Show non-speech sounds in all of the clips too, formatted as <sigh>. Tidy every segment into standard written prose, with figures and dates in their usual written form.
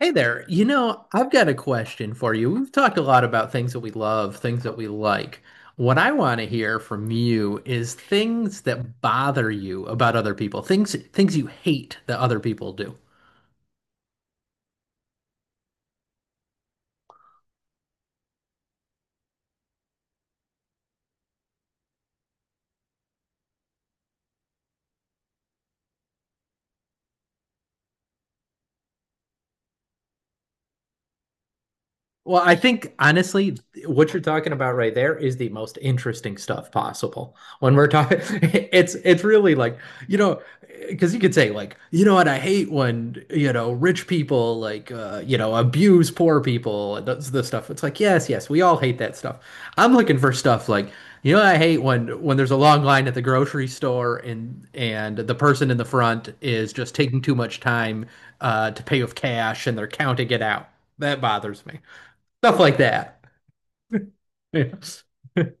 Hey there. You know, I've got a question for you. We've talked a lot about things that we love, things that we like. What I want to hear from you is things that bother you about other people, things you hate that other people do. Well, I think honestly, what you're talking about right there is the most interesting stuff possible. When we're talking, <laughs> it's really like, you know, because you could say like, you know what, I hate when, you know, rich people like you know, abuse poor people and that's the stuff. It's like, yes, yes, we all hate that stuff. I'm looking for stuff like, you know, I hate when there's a long line at the grocery store and the person in the front is just taking too much time to pay with cash and they're counting it out. That bothers me. Stuff like that. Yeah. <laughs>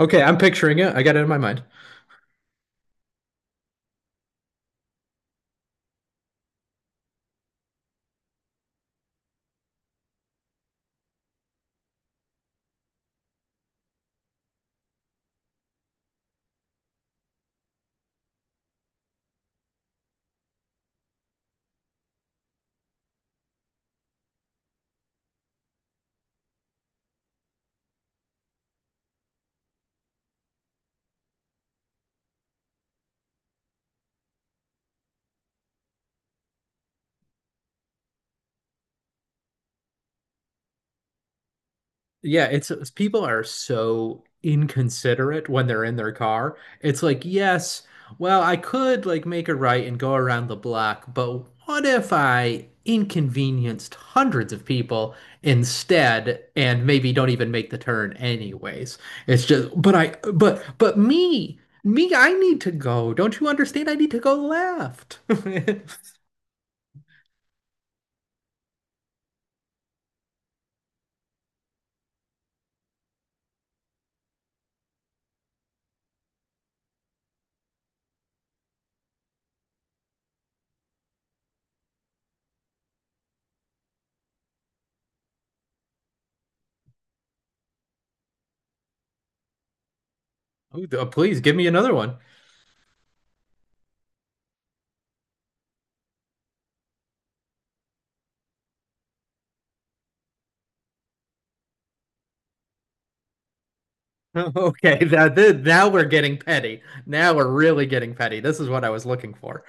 Okay, I'm picturing it. I got it in my mind. Yeah, people are so inconsiderate when they're in their car. It's like, yes, well, I could like make a right and go around the block, but what if I inconvenienced hundreds of people instead and maybe don't even make the turn anyways? It's just, but me, I need to go. Don't you understand? I need to go left. <laughs> Oh, please give me another one. <laughs> Okay, that now we're getting petty. Now we're really getting petty. This is what I was looking for.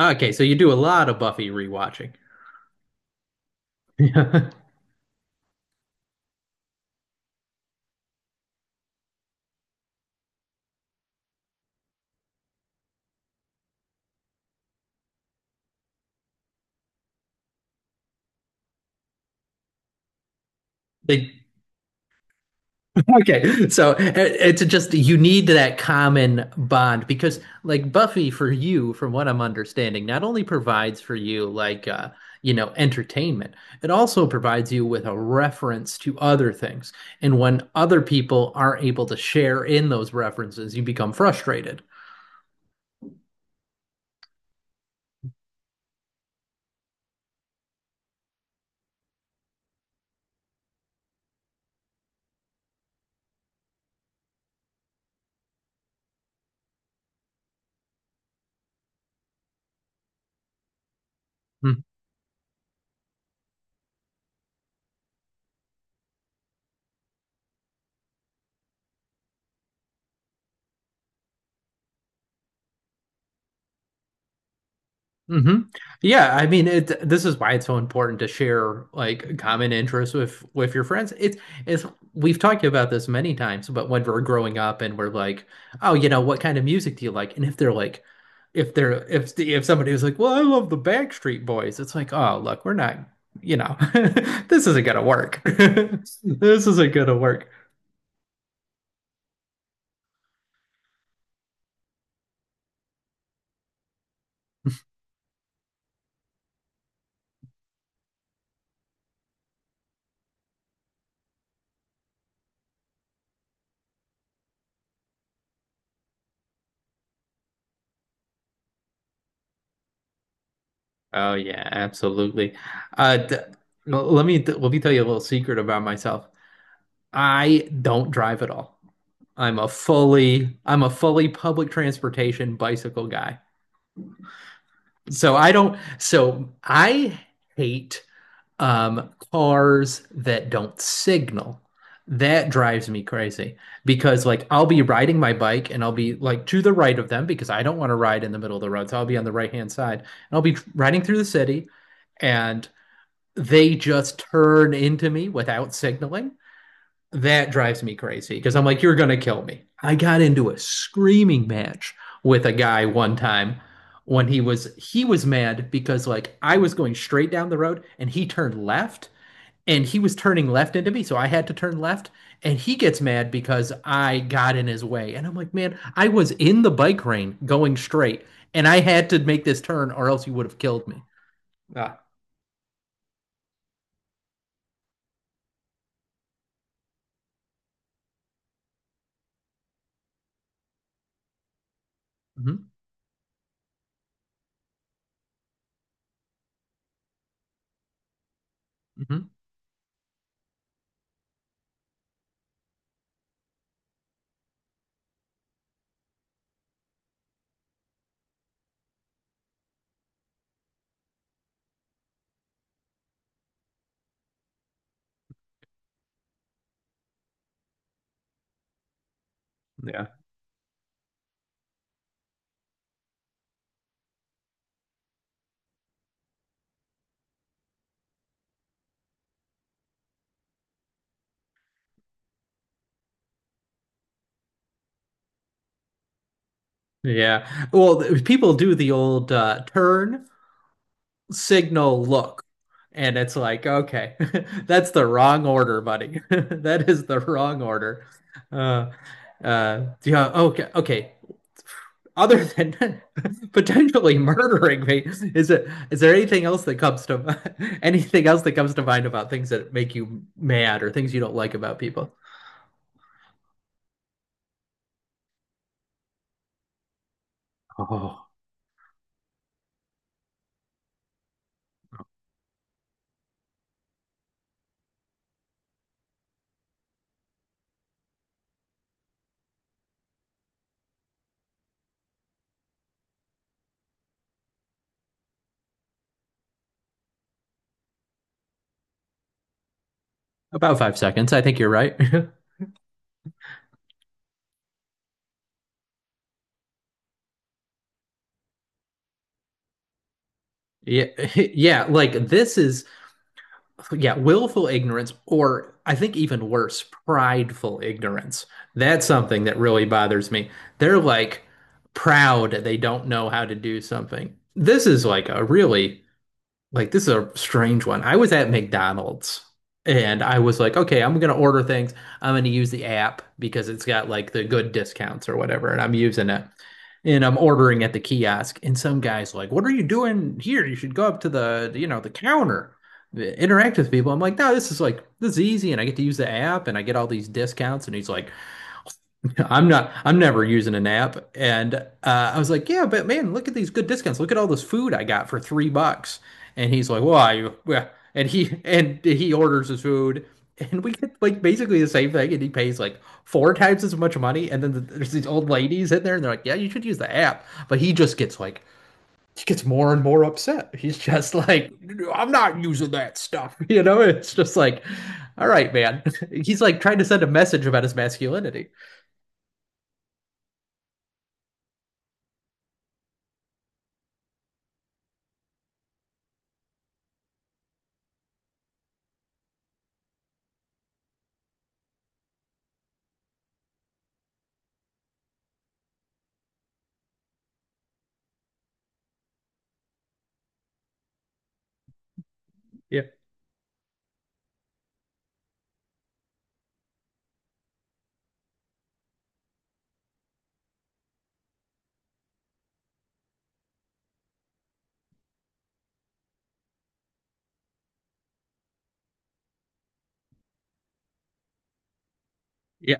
Okay, so you do a lot of Buffy rewatching. <laughs> they Okay, so it's just you need that common bond because, like Buffy, for you, from what I'm understanding, not only provides for you like you know, entertainment, it also provides you with a reference to other things. And when other people aren't able to share in those references, you become frustrated. Hmm. Yeah, I mean it this is why it's so important to share like common interests with your friends. It's we've talked about this many times, but when we're growing up and we're like, "Oh, you know, what kind of music do you like?" And if they're like if they're if the- if somebody was like, "Well, I love the Backstreet Boys." It's like, "Oh, look, we're not, you know, <laughs> this isn't gonna work. <laughs> This isn't gonna work." Oh yeah, absolutely. Uh d let me tell you a little secret about myself. I don't drive at all. I'm a fully public transportation bicycle guy. So I hate cars that don't signal. That drives me crazy because like I'll be riding my bike and I'll be like to the right of them because I don't want to ride in the middle of the road. So I'll be on the right-hand side and I'll be riding through the city and they just turn into me without signaling. That drives me crazy because I'm like, you're going to kill me. I got into a screaming match with a guy one time when he was mad because like I was going straight down the road and he turned left and he was turning left into me, so I had to turn left. And he gets mad because I got in his way, and I'm like, man, I was in the bike lane going straight and I had to make this turn or else you would have killed me. Ah. Mhm. Mhm. Yeah. Yeah. Well, people do the old turn signal look. And it's like, okay, <laughs> that's the wrong order, buddy. <laughs> That is the wrong order. Uh, yeah, okay. Other than <laughs> potentially murdering me, is there anything else that comes to <laughs> anything else that comes to mind about things that make you mad or things you don't like about people? Oh, about 5 seconds. I think you're right. <laughs> Yeah, yeah. Like this is yeah, willful ignorance, or I think even worse, prideful ignorance. That's something that really bothers me. They're like proud they don't know how to do something. This is like a really, like, this is a strange one. I was at McDonald's and I was like, okay, I'm going to order things. I'm going to use the app because it's got like the good discounts or whatever. And I'm using it and I'm ordering at the kiosk, and some guy's like, "What are you doing here? You should go up to the, you know, the counter, interact with people." I'm like, "No, this is like this is easy, and I get to use the app, and I get all these discounts." And he's like, I'm never using an app. And I was like, yeah, but man, look at these good discounts. Look at all this food I got for $3. And he's like, well, and he orders his food. And we get like basically the same thing. And he pays like four times as much money. And then there's these old ladies in there and they're like, yeah, you should use the app. But he gets more and more upset. He's just like, I'm not using that stuff. <laughs> You know, it's just like, all right, man. <laughs> He's like trying to send a message about his masculinity. Yeah. Yeah.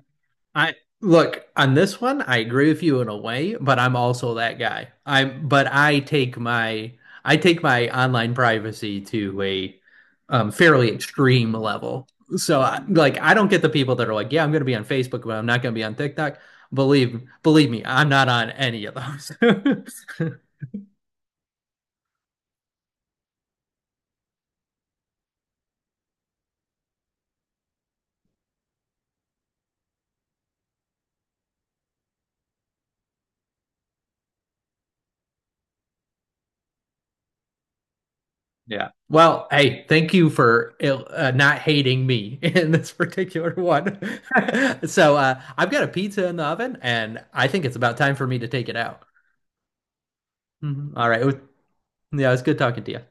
I look, on this one, I agree with you in a way, but I'm also that guy. I take my online privacy to a fairly extreme level. So like I don't get the people that are like, yeah, I'm gonna be on Facebook, but I'm not gonna be on TikTok. Believe me, I'm not on any of those. <laughs> Yeah. Well, hey, thank you for not hating me <laughs> in this particular one. <laughs> So, I've got a pizza in the oven, and I think it's about time for me to take it out. Mhm. All right. Yeah, it was good talking to you.